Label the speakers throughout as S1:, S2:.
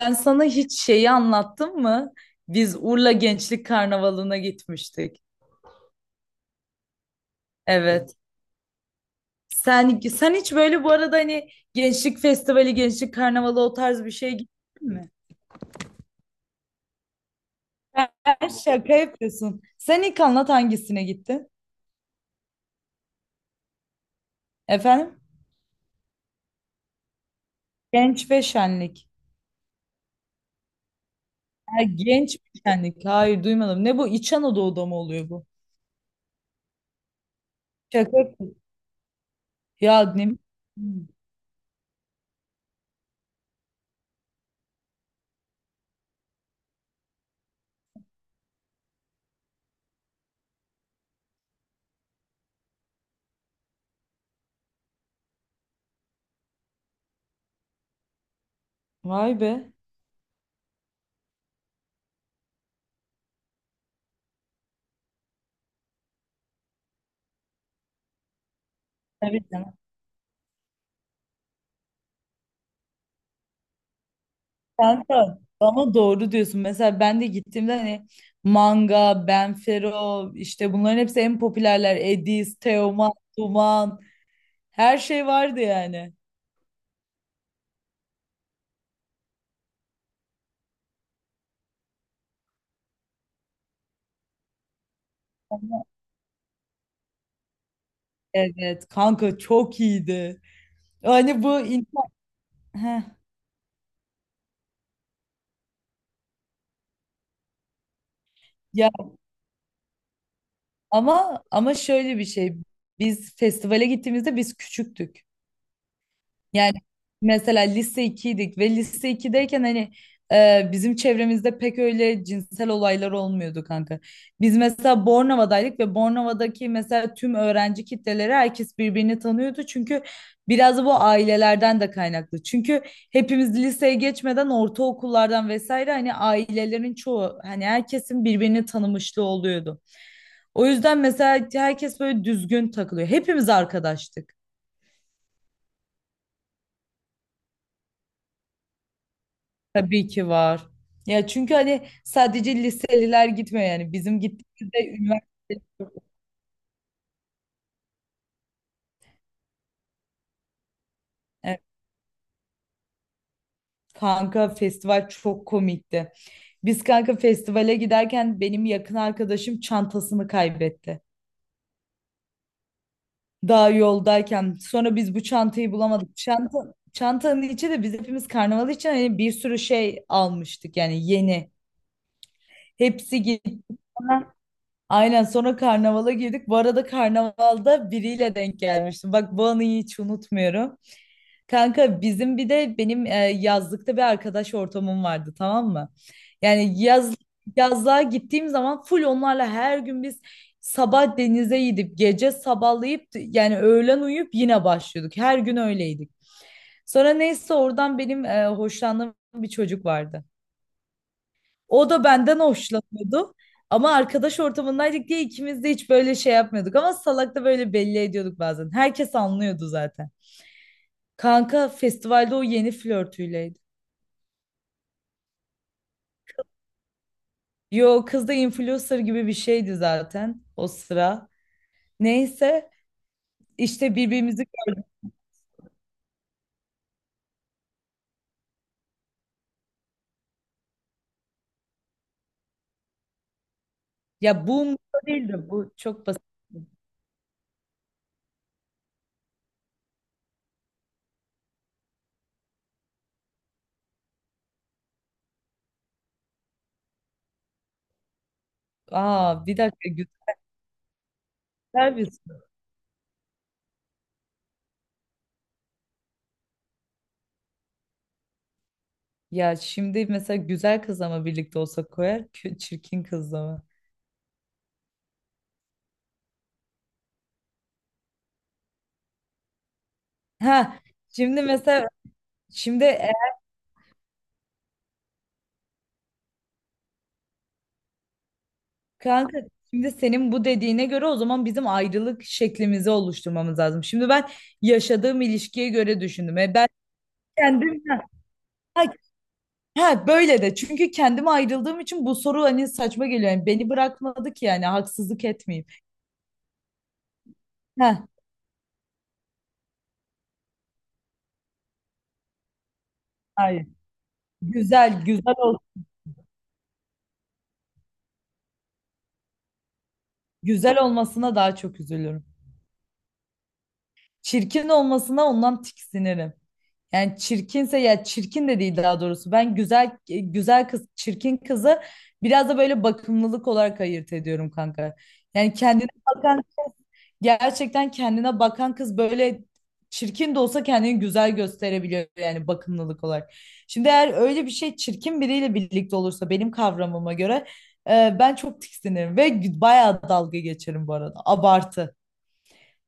S1: Ben sana hiç şeyi anlattım mı? Biz Urla Gençlik Karnavalı'na gitmiştik. Evet. Sen hiç böyle bu arada hani Gençlik Festivali, Gençlik Karnavalı o tarz bir şeye gittin mi? Sen şaka yapıyorsun. Sen ilk anlat hangisine gittin? Efendim? Genç ve Şenlik. Ha, genç ve Şenlik. Hayır duymadım. Ne bu? İç Anadolu'da mı oluyor bu? Şaka yapıyorsun. Ya ne? Vay be. Tabii canım. Kanka ama doğru diyorsun. Mesela ben de gittiğimde hani Manga, Benfero işte bunların hepsi en popülerler. Edis, Teoman, Duman, her şey vardı yani. Evet kanka çok iyiydi. Hani bu in- Heh, ya ama şöyle bir şey. Biz festivale gittiğimizde biz küçüktük. Yani mesela lise ikiydik ve lise 2'deyken hani bizim çevremizde pek öyle cinsel olaylar olmuyordu kanka. Biz mesela Bornova'daydık ve Bornova'daki mesela tüm öğrenci kitleleri herkes birbirini tanıyordu. Çünkü biraz da bu ailelerden de kaynaklı. Çünkü hepimiz liseye geçmeden ortaokullardan vesaire hani ailelerin çoğu hani herkesin birbirini tanımışlığı oluyordu. O yüzden mesela herkes böyle düzgün takılıyor. Hepimiz arkadaştık. Tabii ki var. Ya çünkü hani sadece liseliler gitmiyor, yani bizim gittiğimizde üniversite. Evet, kanka festival çok komikti. Biz kanka festivale giderken benim yakın arkadaşım çantasını kaybetti. Daha yoldayken sonra biz bu çantayı bulamadık. Çanta, çantanın içi de biz hepimiz karnaval için hani bir sürü şey almıştık yani yeni. Hepsi gitti. Aynen, sonra karnavala girdik. Bu arada karnavalda biriyle denk gelmiştim. Bak bu anıyı hiç unutmuyorum. Kanka bizim bir de benim yazlıkta bir arkadaş ortamım vardı, tamam mı? Yani yazlığa gittiğim zaman full onlarla her gün biz sabah denize gidip gece sabahlayıp yani öğlen uyuyup yine başlıyorduk. Her gün öyleydik. Sonra neyse oradan benim hoşlandığım bir çocuk vardı. O da benden hoşlanıyordu. Ama arkadaş ortamındaydık diye ikimiz de hiç böyle şey yapmıyorduk. Ama salak da böyle belli ediyorduk bazen. Herkes anlıyordu zaten. Kanka festivalde o yeni flörtüyleydi. Yo, kız da influencer gibi bir şeydi zaten o sıra. Neyse işte birbirimizi gördük. Ya bu umurumda değildi. Bu çok basit. Aa bir dakika, güzel bir soru. Ya şimdi mesela güzel kızla mı birlikte olsa koyar, çirkin kızla mı? Ha şimdi mesela şimdi Kanka şimdi senin bu dediğine göre o zaman bizim ayrılık şeklimizi oluşturmamız lazım. Şimdi ben yaşadığım ilişkiye göre düşündüm. E ben kendim ha, böyle de çünkü kendim ayrıldığım için bu soru hani saçma geliyor. Yani beni bırakmadı ki yani haksızlık etmeyeyim. Ha, hayır. Güzel, güzel ol, güzel olmasına daha çok üzülürüm. Çirkin olmasına ondan tiksinirim. Yani çirkinse, ya çirkin de değil daha doğrusu. Ben güzel kız, çirkin kızı biraz da böyle bakımlılık olarak ayırt ediyorum kanka. Yani kendine bakan gerçekten kendine bakan kız böyle çirkin de olsa kendini güzel gösterebiliyor yani bakımlılık olarak. Şimdi eğer öyle bir şey çirkin biriyle birlikte olursa benim kavramıma göre ben çok tiksinirim ve bayağı dalga geçerim bu arada. Abartı.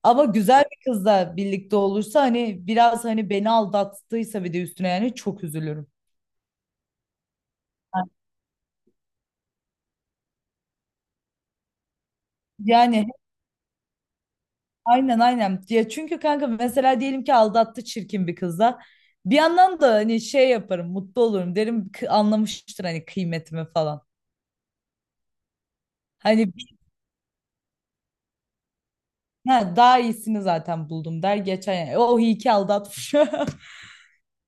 S1: Ama güzel bir kızla birlikte olursa hani biraz hani beni aldattıysa bir de üstüne yani çok üzülürüm. Yani aynen. Ya çünkü kanka mesela diyelim ki aldattı çirkin bir kızla. Bir yandan da hani şey yaparım, mutlu olurum derim, "Kı- anlamıştır hani kıymetimi falan." Hani bi- ha, Daha iyisini zaten buldum der geçen yani. O iyi ki aldatmış.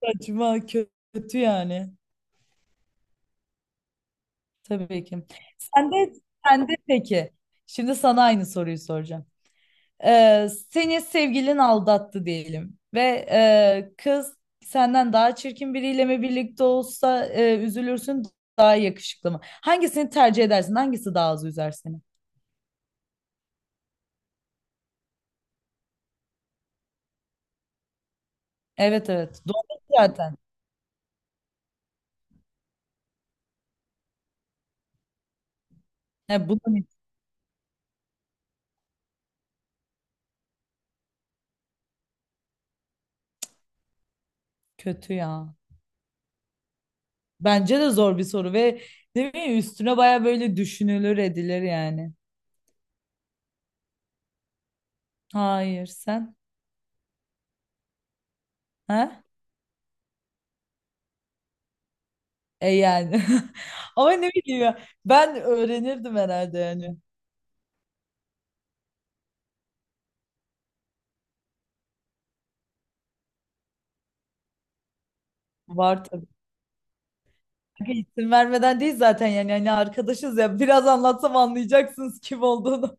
S1: Saçma, kötü yani. Tabii ki. Sen de sen de peki. Şimdi sana aynı soruyu soracağım. Seni sevgilin aldattı diyelim ve kız senden daha çirkin biriyle mi birlikte olsa üzülürsün, daha yakışıklı mı? Hangisini tercih edersin? Hangisi daha az üzer seni? Evet evet doğru zaten. He, bu da bir- Kötü ya. Bence de zor bir soru ve ne bileyim üstüne baya böyle düşünülür edilir yani. Hayır, sen? Ha? E yani. Ama ne bileyim ya, ben öğrenirdim herhalde yani. Var tabii. İsim vermeden değil zaten yani arkadaşız ya, biraz anlatsam anlayacaksınız kim olduğunu.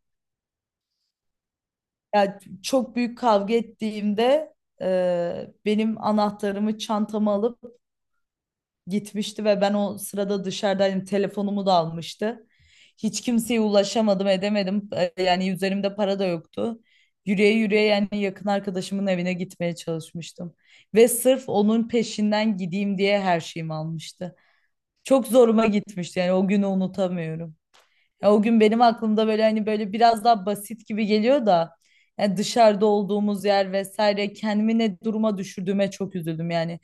S1: Ya çok büyük kavga ettiğimde benim anahtarımı çantama alıp gitmişti ve ben o sırada dışarıdaydım, telefonumu da almıştı. Hiç kimseye ulaşamadım edemedim. E, yani üzerimde para da yoktu. Yürüye yürüye yani yakın arkadaşımın evine gitmeye çalışmıştım. Ve sırf onun peşinden gideyim diye her şeyimi almıştı. Çok zoruma gitmişti yani o günü unutamıyorum. Ya o gün benim aklımda böyle hani böyle biraz daha basit gibi geliyor da yani dışarıda olduğumuz yer vesaire kendimi ne duruma düşürdüğüme çok üzüldüm yani.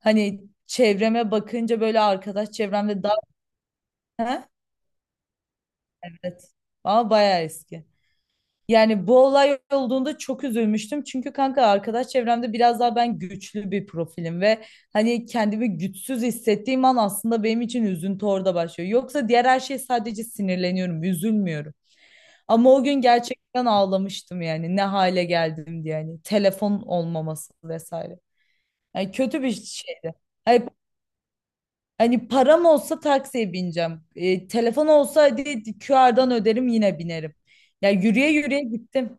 S1: Hani çevreme bakınca böyle arkadaş çevremde daha. He? Evet, ama bayağı eski. Yani bu olay olduğunda çok üzülmüştüm. Çünkü kanka arkadaş çevremde biraz daha ben güçlü bir profilim ve hani kendimi güçsüz hissettiğim an aslında benim için üzüntü orada başlıyor. Yoksa diğer her şey sadece sinirleniyorum, üzülmüyorum. Ama o gün gerçekten ağlamıştım yani ne hale geldim diye, yani telefon olmaması vesaire. Yani kötü bir şeydi. Hani, hani param olsa taksiye bineceğim. E, telefon olsa hadi QR'dan öderim yine binerim. Yani yürüye yürüye gittim.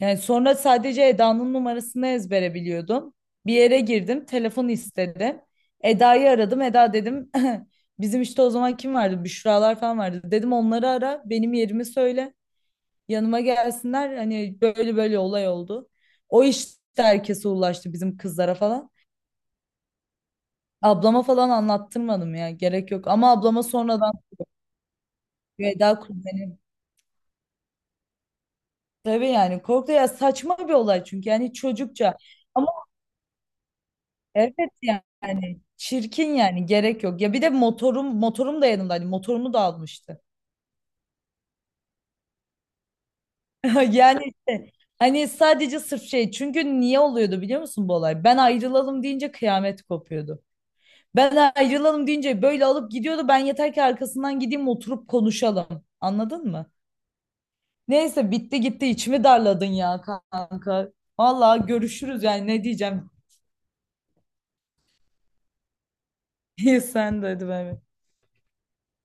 S1: Yani sonra sadece Eda'nın numarasını ezbere biliyordum. Bir yere girdim, telefon istedi. Eda'yı aradım. Eda dedim, bizim işte o zaman kim vardı? Büşralar falan vardı. Dedim onları ara, benim yerimi söyle. Yanıma gelsinler, hani böyle böyle olay oldu. O işte herkese ulaştı bizim kızlara falan. Ablama falan anlattırmadım ya, gerek yok. Ama ablama sonradan. Veda kuzenim. Tabii yani korktu ya, saçma bir olay çünkü yani çocukça. Ama evet yani çirkin, yani gerek yok. Ya bir de motorum da yanımdaydı. Motorumu da almıştı. Yani işte hani sadece sırf şey, çünkü niye oluyordu biliyor musun bu olay? Ben ayrılalım deyince kıyamet kopuyordu. Ben ayrılalım deyince böyle alıp gidiyordu. Ben yeter ki arkasından gideyim oturup konuşalım. Anladın mı? Neyse bitti gitti, içimi darladın ya kanka. Vallahi görüşürüz yani ne diyeceğim. Sen de hadi, bay bay.